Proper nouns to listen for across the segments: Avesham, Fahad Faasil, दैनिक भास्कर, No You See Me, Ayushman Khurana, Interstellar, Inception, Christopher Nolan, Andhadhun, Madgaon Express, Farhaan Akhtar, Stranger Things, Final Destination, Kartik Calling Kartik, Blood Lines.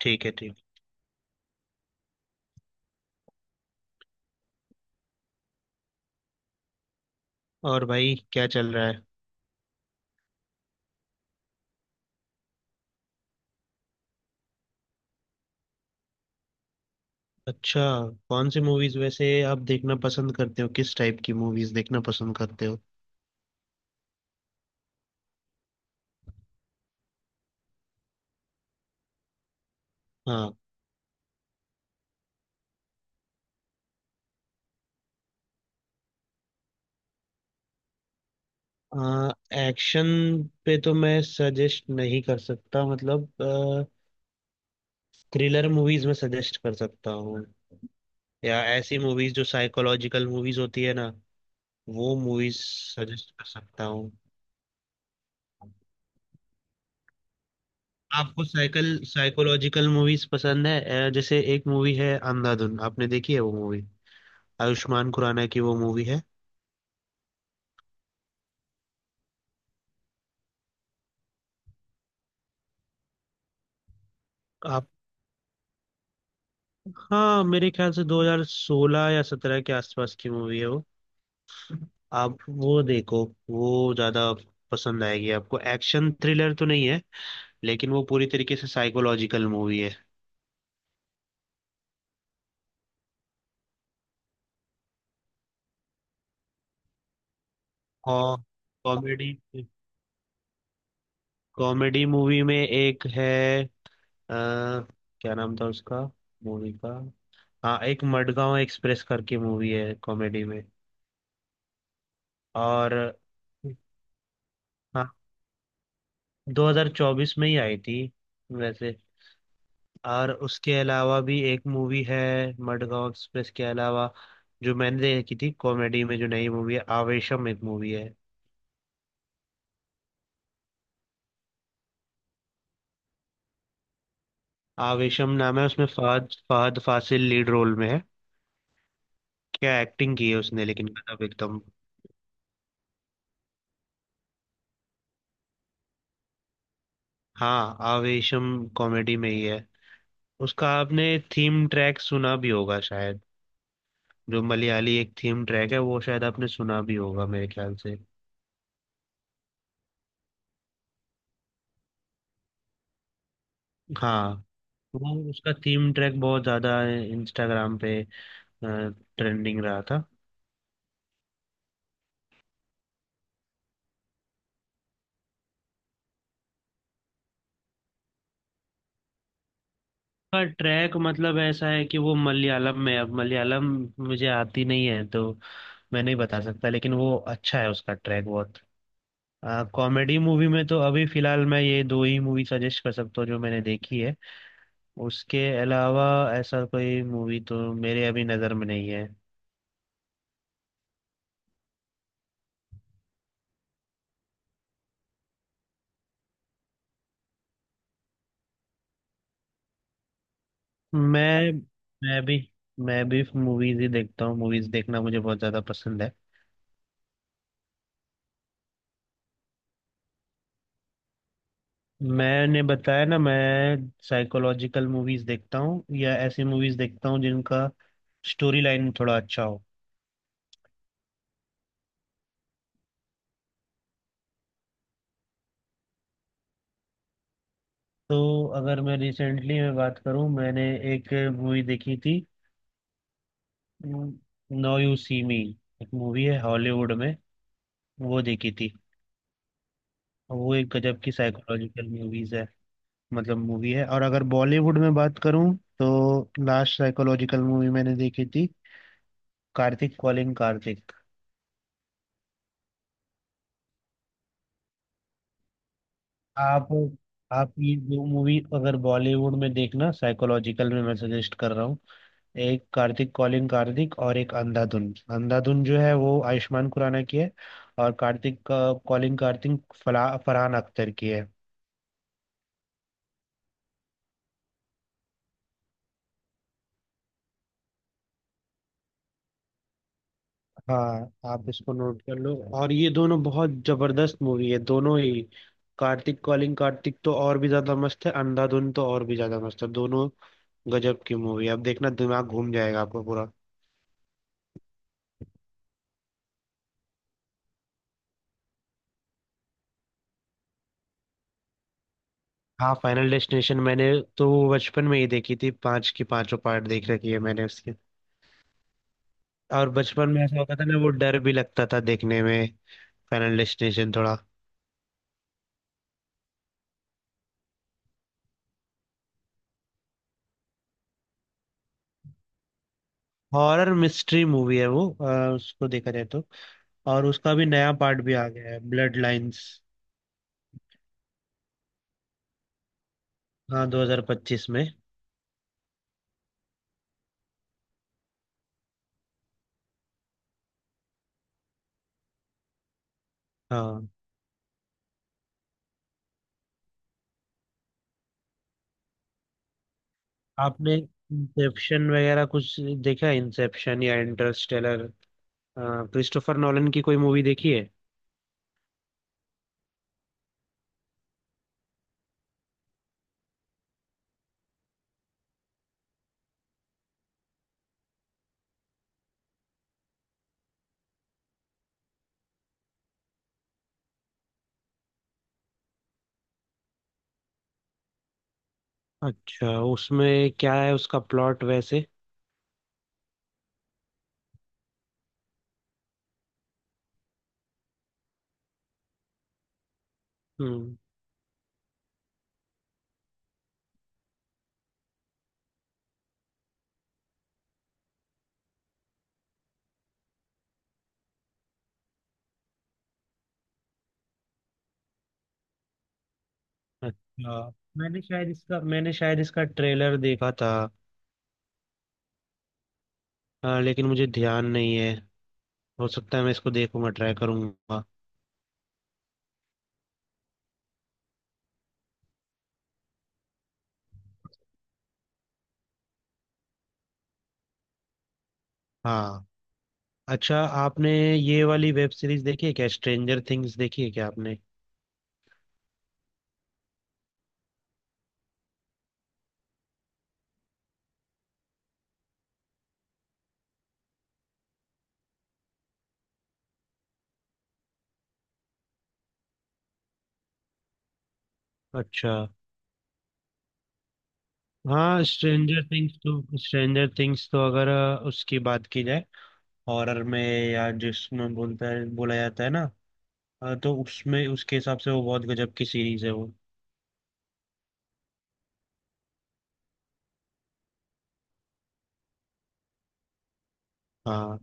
ठीक है। ठीक। और भाई क्या चल रहा है? अच्छा। कौन सी मूवीज वैसे आप देखना पसंद करते हो? किस टाइप की मूवीज देखना पसंद करते हो? हाँ। आ, एक्शन पे तो मैं सजेस्ट नहीं कर सकता, मतलब थ्रिलर मूवीज में सजेस्ट कर सकता हूँ, या ऐसी मूवीज जो साइकोलॉजिकल मूवीज होती है ना, वो मूवीज सजेस्ट कर सकता हूँ। आपको साइकल साइकोलॉजिकल मूवीज पसंद है? जैसे एक मूवी है अंधाधुन, आपने देखी है वो मूवी? आयुष्मान खुराना की वो मूवी है। आप हाँ, मेरे ख्याल से 2016 या 17 के आसपास की मूवी है वो। आप वो देखो, वो ज्यादा पसंद आएगी आपको। एक्शन थ्रिलर तो नहीं है लेकिन वो पूरी तरीके से साइकोलॉजिकल मूवी है। और कॉमेडी, कॉमेडी मूवी में एक है, आ, क्या नाम था उसका, मूवी का? हाँ, एक मडगांव एक्सप्रेस करके मूवी है कॉमेडी में। और हाँ, 2024 में ही आई थी वैसे। और उसके अलावा भी एक मूवी है, मडगांव एक्सप्रेस के अलावा, जो मैंने देखी थी कॉमेडी में, जो नई मूवी है, आवेशम एक मूवी है। आवेशम नाम है, उसमें फहद फहद फासिल लीड रोल में है। क्या एक्टिंग की है उसने, लेकिन गजब एकदम। हाँ, आवेशम कॉमेडी में ही है। उसका आपने थीम ट्रैक सुना भी होगा शायद। जो मलयाली एक थीम ट्रैक है, वो शायद आपने सुना भी होगा, मेरे ख्याल से। हाँ, वो उसका थीम ट्रैक बहुत ज्यादा इंस्टाग्राम पे ट्रेंडिंग रहा था। का ट्रैक मतलब ऐसा है कि वो मलयालम में, अब मलयालम मुझे आती नहीं है तो मैं नहीं बता सकता, लेकिन वो अच्छा है उसका ट्रैक बहुत। कॉमेडी मूवी में तो अभी फिलहाल मैं ये दो ही मूवी सजेस्ट कर सकता हूँ जो मैंने देखी है। उसके अलावा ऐसा कोई मूवी तो मेरे अभी नज़र में नहीं है। मैं मैं भी मैं भी मूवीज ही देखता हूँ, मूवीज देखना मुझे बहुत ज़्यादा पसंद है। मैंने बताया ना, मैं साइकोलॉजिकल मूवीज देखता हूँ, या ऐसी मूवीज देखता हूँ जिनका स्टोरी लाइन थोड़ा अच्छा हो। तो अगर मैं रिसेंटली मैं बात करूँ, मैंने एक मूवी देखी थी, नो यू सी मी, एक मूवी है हॉलीवुड में, वो देखी थी। वो एक गजब की साइकोलॉजिकल मूवीज है, मतलब मूवी है। और अगर बॉलीवुड में बात करूँ तो लास्ट साइकोलॉजिकल मूवी मैंने देखी थी कार्तिक कॉलिंग कार्तिक। आप आप ये दो मूवी अगर बॉलीवुड में देखना, साइकोलॉजिकल में मैं सजेस्ट कर रहा हूँ, एक कार्तिक कॉलिंग कार्तिक और एक अंधाधुन। अंधाधुन जो है वो आयुष्मान खुराना की है, और कार्तिक कॉलिंग कार्तिक फला फरहान अख्तर की है। हाँ, आप इसको नोट कर लो। और ये दोनों बहुत जबरदस्त मूवी है, दोनों ही। कार्तिक कॉलिंग कार्तिक तो और भी ज्यादा मस्त है, अंधाधुन तो और भी ज्यादा मस्त है, दोनों गजब की मूवी। आप देखना, दिमाग घूम जाएगा आपका पूरा। हाँ, फाइनल डेस्टिनेशन मैंने तो वो बचपन में ही देखी थी, पांच की पांचों पार्ट देख रखी है मैंने उसके। और बचपन में ऐसा होता था ना, वो डर भी लगता था देखने में, फाइनल डेस्टिनेशन थोड़ा। हॉरर मिस्ट्री मूवी है वो उसको देखा जाए तो। और उसका भी नया पार्ट भी आ गया है, ब्लड लाइंस। हाँ, 2025 में। हाँ, आपने इंसेप्शन वगैरह कुछ देखा है? इंसेप्शन या इंटरस्टेलर, क्रिस्टोफर नॉलन की कोई मूवी देखी है? अच्छा, उसमें क्या है, उसका प्लॉट वैसे? हम्म। अच्छा, मैंने शायद इसका ट्रेलर देखा था, लेकिन मुझे ध्यान नहीं है। हो सकता है, मैं इसको देखूंगा, ट्राई करूंगा। हाँ। अच्छा, आपने ये वाली वेब सीरीज देखी है क्या, स्ट्रेंजर थिंग्स देखी है क्या आपने? अच्छा। हाँ, स्ट्रेंजर थिंग्स तो अगर उसकी बात की जाए, हॉरर में या जिसमें बोलता है, बोला जाता है ना, तो उसमें उसके हिसाब से वो बहुत गजब की सीरीज है वो। हाँ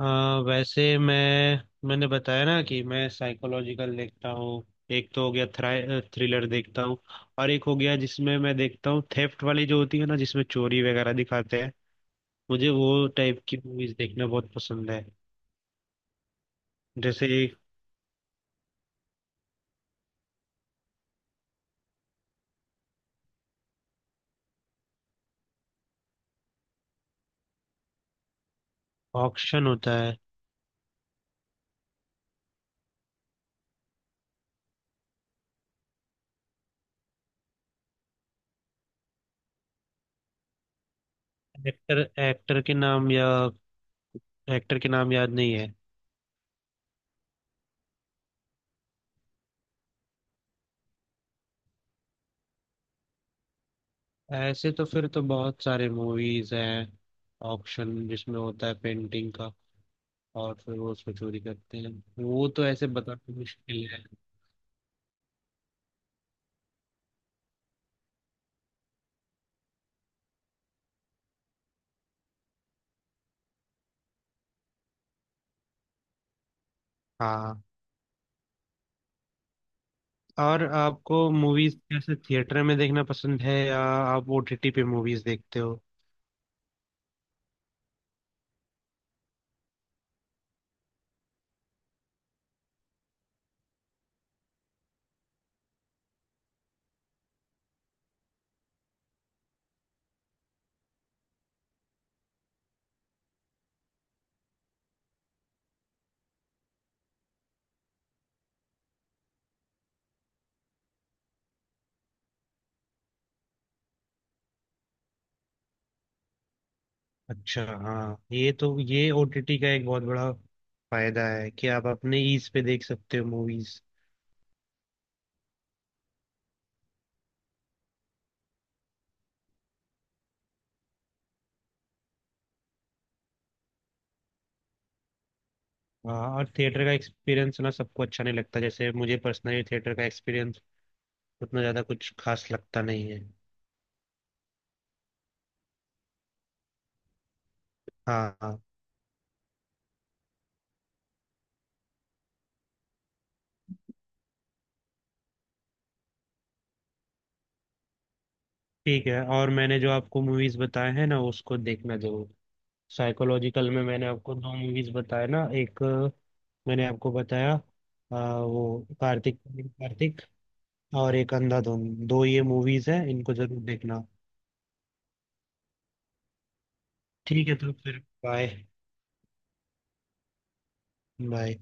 अ, वैसे मैंने बताया ना कि मैं साइकोलॉजिकल देखता हूँ। एक तो हो गया थ्रा थ्रिलर देखता हूँ, और एक हो गया जिसमें मैं देखता हूँ, थेफ्ट वाली जो होती है ना, जिसमें चोरी वगैरह दिखाते हैं, मुझे वो टाइप की मूवीज देखना बहुत पसंद है। जैसे एक ऑक्शन होता है। एक्टर एक्टर के नाम या एक्टर के नाम याद नहीं है। ऐसे तो फिर तो बहुत सारे मूवीज हैं, ऑक्शन जिसमें होता है पेंटिंग का और फिर वो उसको चोरी करते हैं, वो तो ऐसे बताना मुश्किल है। हाँ। और आपको मूवीज कैसे थिएटर में देखना पसंद है, या आप ओटीटी पे मूवीज देखते हो? अच्छा, हाँ, ये ओटीटी का एक बहुत बड़ा फायदा है कि आप अपने ईज पे देख सकते हो मूवीज। हाँ, और थिएटर का एक्सपीरियंस ना सबको अच्छा नहीं लगता, जैसे मुझे पर्सनली थिएटर का एक्सपीरियंस उतना ज़्यादा कुछ खास लगता नहीं है। हाँ, हाँ। ठीक है, और मैंने जो आपको मूवीज बताए हैं ना, उसको देखना जरूर। साइकोलॉजिकल में मैंने आपको दो मूवीज बताए ना, एक मैंने आपको बताया वो कार्तिक कार्तिक, और एक अंधाधुन, दो ये मूवीज हैं, इनको जरूर देखना। ठीक है तो फिर, बाय। बाय।